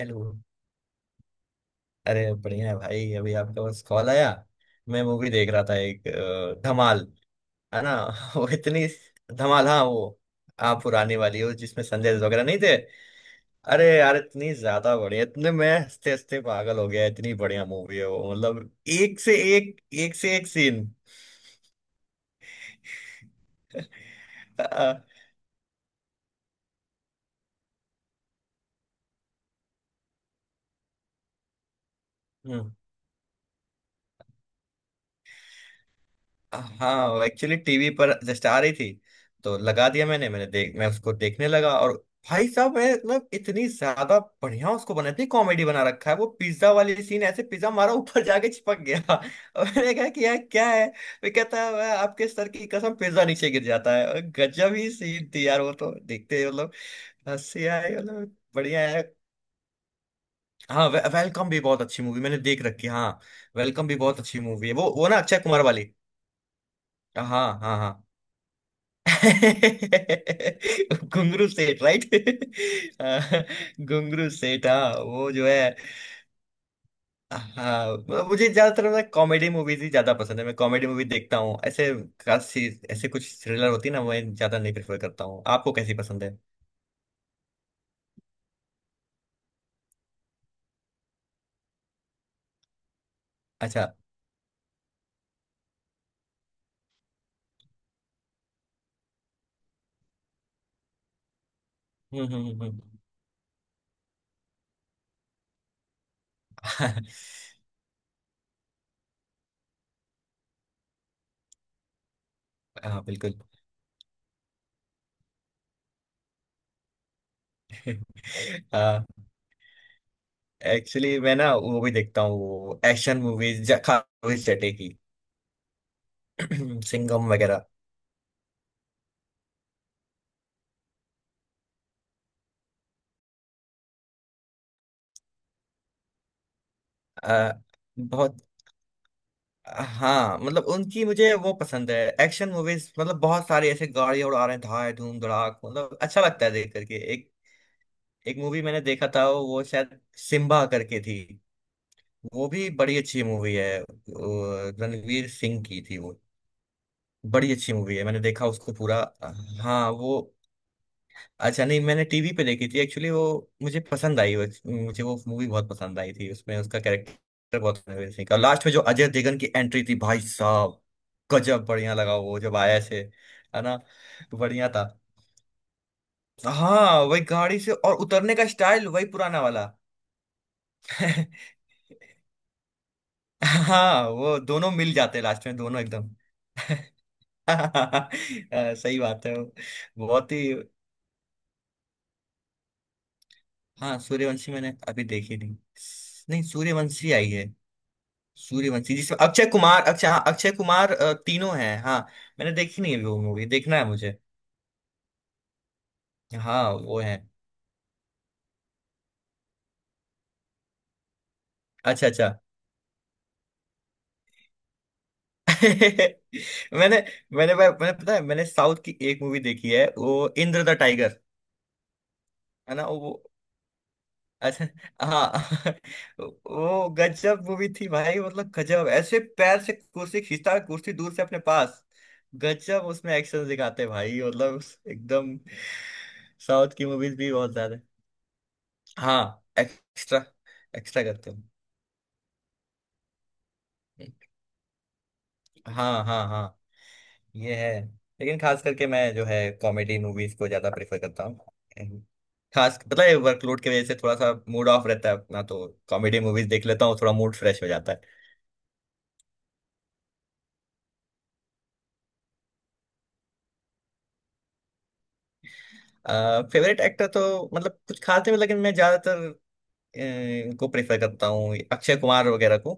Hello. अरे बढ़िया है भाई। अभी आपका बस कॉल आया। मैं मूवी देख रहा था एक धमाल। है ना। वो इतनी धमाल। हाँ वो। हाँ पुरानी वाली वो जिसमें संजय दत्त वगैरह नहीं थे। अरे यार इतनी ज्यादा बढ़िया इतने मैं हंसते हंसते पागल हो गया। इतनी बढ़िया मूवी है वो मतलब। एक से एक सीन। हम्म। हाँ एक्चुअली टीवी पर जस्ट आ रही थी तो लगा दिया मैंने मैंने देख मैं उसको देखने लगा। और भाई साहब मैं मतलब इतनी ज्यादा बढ़िया उसको बना इतनी कॉमेडी बना रखा है। वो पिज्जा वाली सीन ऐसे पिज्जा मारा ऊपर जाके चिपक गया। और मैंने कहा कि यार क्या है वो कहता है "मैं आपके सर की कसम पिज्जा नीचे गिर जाता है और गजब ही सीन थी यार। वो तो देखते ही मतलब हंसी आए मतलब बढ़िया है। हाँ वेलकम भी बहुत अच्छी मूवी मैंने देख रखी है हाँ। वेलकम भी बहुत अच्छी मूवी है वो। वो ना अक्षय कुमार वाली। हाँ हाँ हाँ। घुंगरू सेठ राइट। घुंगरू सेठ हाँ वो जो है। हाँ मुझे ज्यादातर ना कॉमेडी मूवीज ही ज्यादा पसंद है। मैं कॉमेडी मूवी देखता हूँ ऐसे। खास चीज ऐसे कुछ थ्रिलर होती है ना मैं ज्यादा नहीं प्रेफर करता हूँ। आपको कैसी पसंद है। अच्छा। हम्म, हम्म, हम्म। हाँ बिल्कुल। हाँ एक्चुअली मैं ना वो भी देखता हूँ वो एक्शन मूवीज खास जटे की। सिंघम वगैरह। आ, बहुत। हाँ मतलब उनकी मुझे वो पसंद है एक्शन मूवीज मतलब बहुत सारे ऐसे गाड़ियां उड़ा रहे हैं धाए धूम धड़ाक मतलब अच्छा लगता है देख करके। एक एक मूवी मैंने देखा था वो शायद सिम्बा करके थी। वो भी बड़ी अच्छी मूवी है वो रणवीर सिंह की थी वो बड़ी अच्छी मूवी है। मैंने देखा उसको पूरा। हाँ वो। अच्छा नहीं मैंने टीवी पे देखी थी एक्चुअली वो। मुझे पसंद आई वो। मुझे वो मूवी बहुत पसंद आई थी। उसमें उसका कैरेक्टर बहुत कन्विंसिंग और लास्ट में जो अजय देवगन की एंट्री थी भाई साहब गजब बढ़िया लगा वो जब आया से। है ना। बढ़िया था। हाँ वही गाड़ी से और उतरने का स्टाइल वही पुराना वाला। हाँ वो दोनों मिल जाते लास्ट में दोनों एकदम। हाँ, सही बात है वो। बहुत ही। हाँ सूर्यवंशी मैंने अभी देखी नहीं। नहीं सूर्यवंशी आई है। सूर्यवंशी जिसमें अक्षय कुमार अक्षय हाँ अक्षय कुमार तीनों हैं। हाँ मैंने देखी नहीं है वो मूवी। देखना है मुझे। हाँ वो है। अच्छा अच्छा। मैंने मैंने भाई मैंने पता है मैंने साउथ की एक मूवी देखी है वो इंद्र द टाइगर। है ना वो। अच्छा। हाँ। वो गजब मूवी थी भाई मतलब गजब ऐसे पैर से कुर्सी खींचता कुर्सी दूर से अपने पास। गजब उसमें एक्शन दिखाते भाई मतलब एकदम। साउथ की मूवीज भी बहुत ज्यादा। हाँ एक्स्ट्रा एक्स्ट्रा करते हो। हाँ हाँ हाँ। ये है। लेकिन खास करके मैं जो है कॉमेडी मूवीज को ज्यादा प्रेफर करता हूँ। खास मतलब वर्कलोड की वजह से थोड़ा सा मूड ऑफ रहता है अपना तो कॉमेडी मूवीज देख लेता हूँ। थोड़ा मूड फ्रेश हो जाता है। फेवरेट एक्टर तो मतलब कुछ खास नहीं लेकिन मैं ज्यादातर इनको प्रेफर करता हूँ अक्षय कुमार वगैरह को।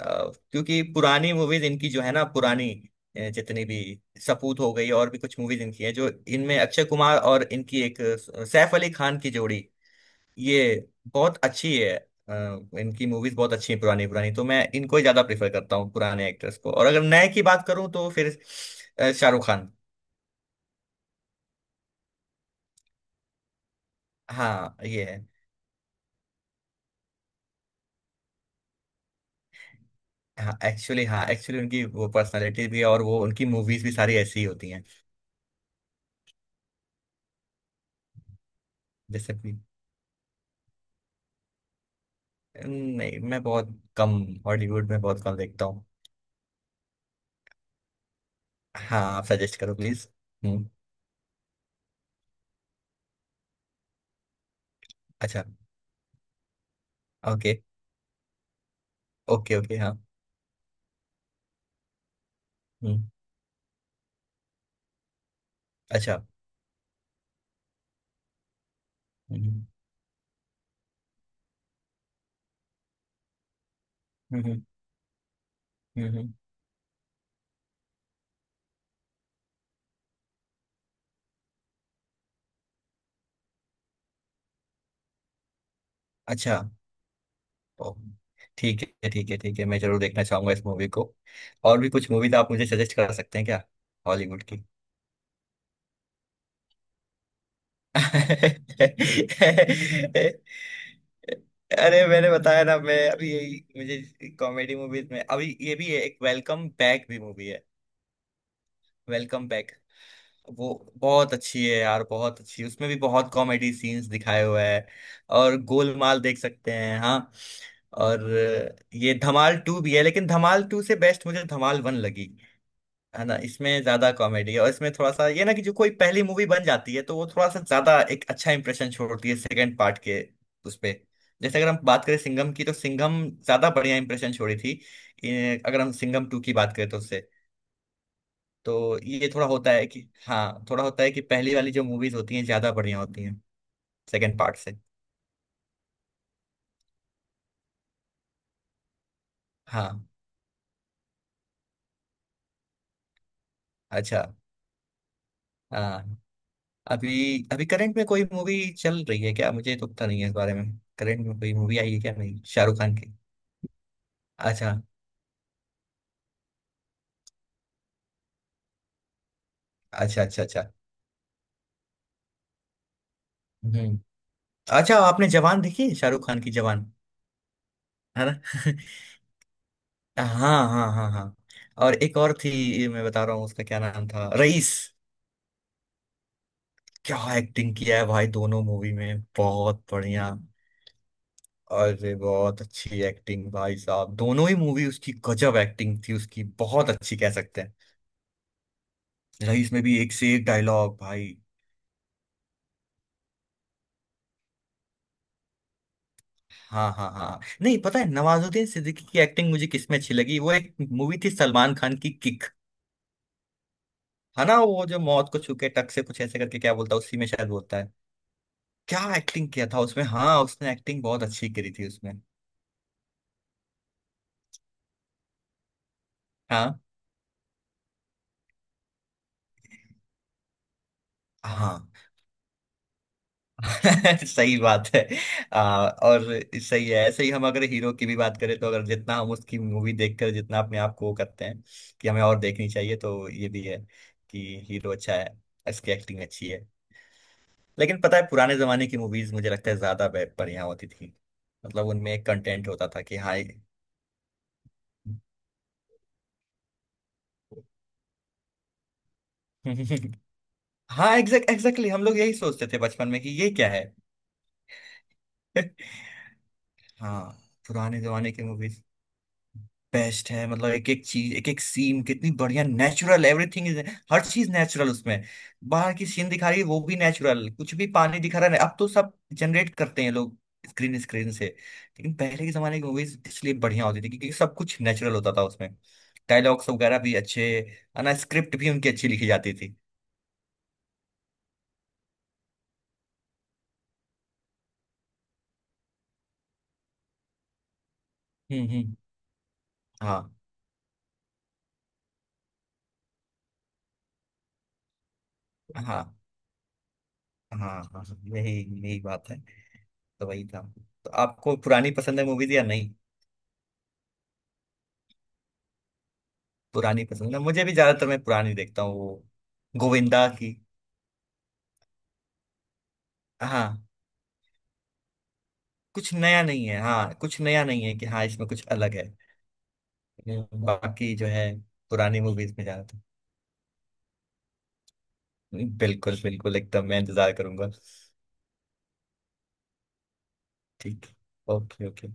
क्योंकि पुरानी मूवीज इनकी जो है ना पुरानी जितनी भी सपूत हो गई और भी कुछ मूवीज इनकी है जो इनमें अक्षय कुमार और इनकी एक सैफ अली खान की जोड़ी ये बहुत अच्छी है। अ, इनकी मूवीज बहुत अच्छी हैं पुरानी पुरानी तो मैं इनको ही ज्यादा प्रेफर करता हूँ पुराने एक्टर्स को। और अगर नए की बात करूँ तो फिर शाहरुख खान। हाँ ये है। हाँ एक्चुअली उनकी वो पर्सनालिटी भी है और वो उनकी मूवीज भी सारी ऐसी ही होती हैं। जैसे कि। नहीं मैं बहुत कम हॉलीवुड में बहुत कम देखता हूँ। हाँ आप सजेस्ट करो प्लीज। हम्म। अच्छा। ओके। ओके ओके हाँ। हम्म। अच्छा। हम्म, हम्म, हम्म। हम्म, हम्म, अच्छा। ओ, ठीक है ठीक है ठीक है मैं जरूर देखना चाहूंगा इस मूवी को। और भी कुछ मूवीज आप मुझे सजेस्ट कर सकते हैं क्या हॉलीवुड की। अरे मैंने बताया ना मैं अभी यही मुझे कॉमेडी मूवीज में अभी ये भी है एक वेलकम बैक भी मूवी है। वेलकम बैक वो बहुत अच्छी है यार बहुत अच्छी उसमें भी बहुत कॉमेडी सीन्स दिखाए हुए हैं। और गोलमाल देख सकते हैं हाँ। और ये धमाल टू भी है लेकिन धमाल टू से बेस्ट मुझे धमाल वन लगी। है ना। इसमें ज्यादा कॉमेडी है और इसमें थोड़ा सा ये ना कि जो कोई पहली मूवी बन जाती है तो वो थोड़ा सा ज्यादा एक अच्छा इंप्रेशन छोड़ती है सेकंड पार्ट के उस पे। जैसे अगर हम बात करें सिंघम की तो सिंघम ज्यादा बढ़िया इंप्रेशन छोड़ी थी। अगर हम सिंघम टू की बात करें तो उससे। तो ये थोड़ा होता है कि हाँ थोड़ा होता है कि पहली वाली जो मूवीज होती हैं ज्यादा बढ़िया होती हैं सेकंड पार्ट से। हाँ। अच्छा। हाँ। अभी अभी करंट में कोई मूवी चल रही है क्या मुझे तो पता नहीं है इस बारे में। करंट में कोई मूवी आई है क्या नहीं शाहरुख खान की। अच्छा अच्छा अच्छा। अच्छा। हम्म। अच्छा आपने जवान देखी है शाहरुख खान की जवान। है ना। हाँ हाँ हाँ हाँ। और एक और थी ये मैं बता रहा हूँ उसका क्या नाम था रईस। क्या एक्टिंग किया है भाई दोनों मूवी में बहुत बढ़िया। अरे बहुत अच्छी एक्टिंग भाई साहब दोनों ही मूवी उसकी गजब एक्टिंग थी उसकी बहुत अच्छी कह सकते हैं। रईस में भी एक से एक डायलॉग भाई। हाँ हाँ हाँ नहीं पता है नवाजुद्दीन सिद्दीकी की एक्टिंग मुझे किसमें अच्छी लगी वो एक मूवी थी सलमान खान की किक। है ना वो जो मौत को छू के टक से कुछ ऐसे करके क्या बोलता है उसी में शायद बोलता है। क्या एक्टिंग किया था उसमें। हाँ उसने एक्टिंग बहुत अच्छी करी थी उसमें। हाँ हाँ। सही बात है। और सही है ऐसे ही हम अगर हीरो की भी बात करें तो अगर जितना हम उसकी मूवी देखकर जितना अपने आप को वो करते हैं कि हमें और देखनी चाहिए तो ये भी है कि हीरो अच्छा है। इसकी एक्टिंग अच्छी है। लेकिन पता है पुराने जमाने की मूवीज मुझे लगता है ज्यादा बढ़िया होती थी। मतलब उनमें एक कंटेंट होता था कि हाँ। हाँ एग्जैक्ट एग्जैक्टली हम लोग यही सोचते थे बचपन में कि ये क्या है। हाँ। पुराने जमाने की मूवीज बेस्ट है मतलब एक एक चीज एक एक सीन कितनी बढ़िया नेचुरल एवरीथिंग इज। हर चीज नेचुरल उसमें। बाहर की सीन दिखा रही है वो भी नेचुरल कुछ भी पानी दिखा रहा है अब तो सब जनरेट करते हैं लोग स्क्रीन स्क्रीन से। लेकिन पहले के जमाने की मूवीज इसलिए बढ़िया होती थी क्योंकि सब कुछ नेचुरल होता था उसमें। डायलॉग्स वगैरह भी अच्छे। है ना। स्क्रिप्ट भी उनकी अच्छी लिखी जाती थी। हम्म, हम्म, हाँ हाँ हाँ हाँ। यही यही बात है। तो वही था। तो आपको पुरानी पसंद है मूवीज या नहीं। पुरानी पसंद है मुझे भी ज्यादातर मैं पुरानी देखता हूँ वो। गोविंदा की। हाँ कुछ नया नहीं है हाँ कुछ नया नहीं है कि हाँ इसमें कुछ अलग है। बाकी जो है पुरानी मूवीज में ज्यादातर बिल्कुल बिल्कुल एकदम मैं इंतजार करूंगा। ठीक। Okay okay.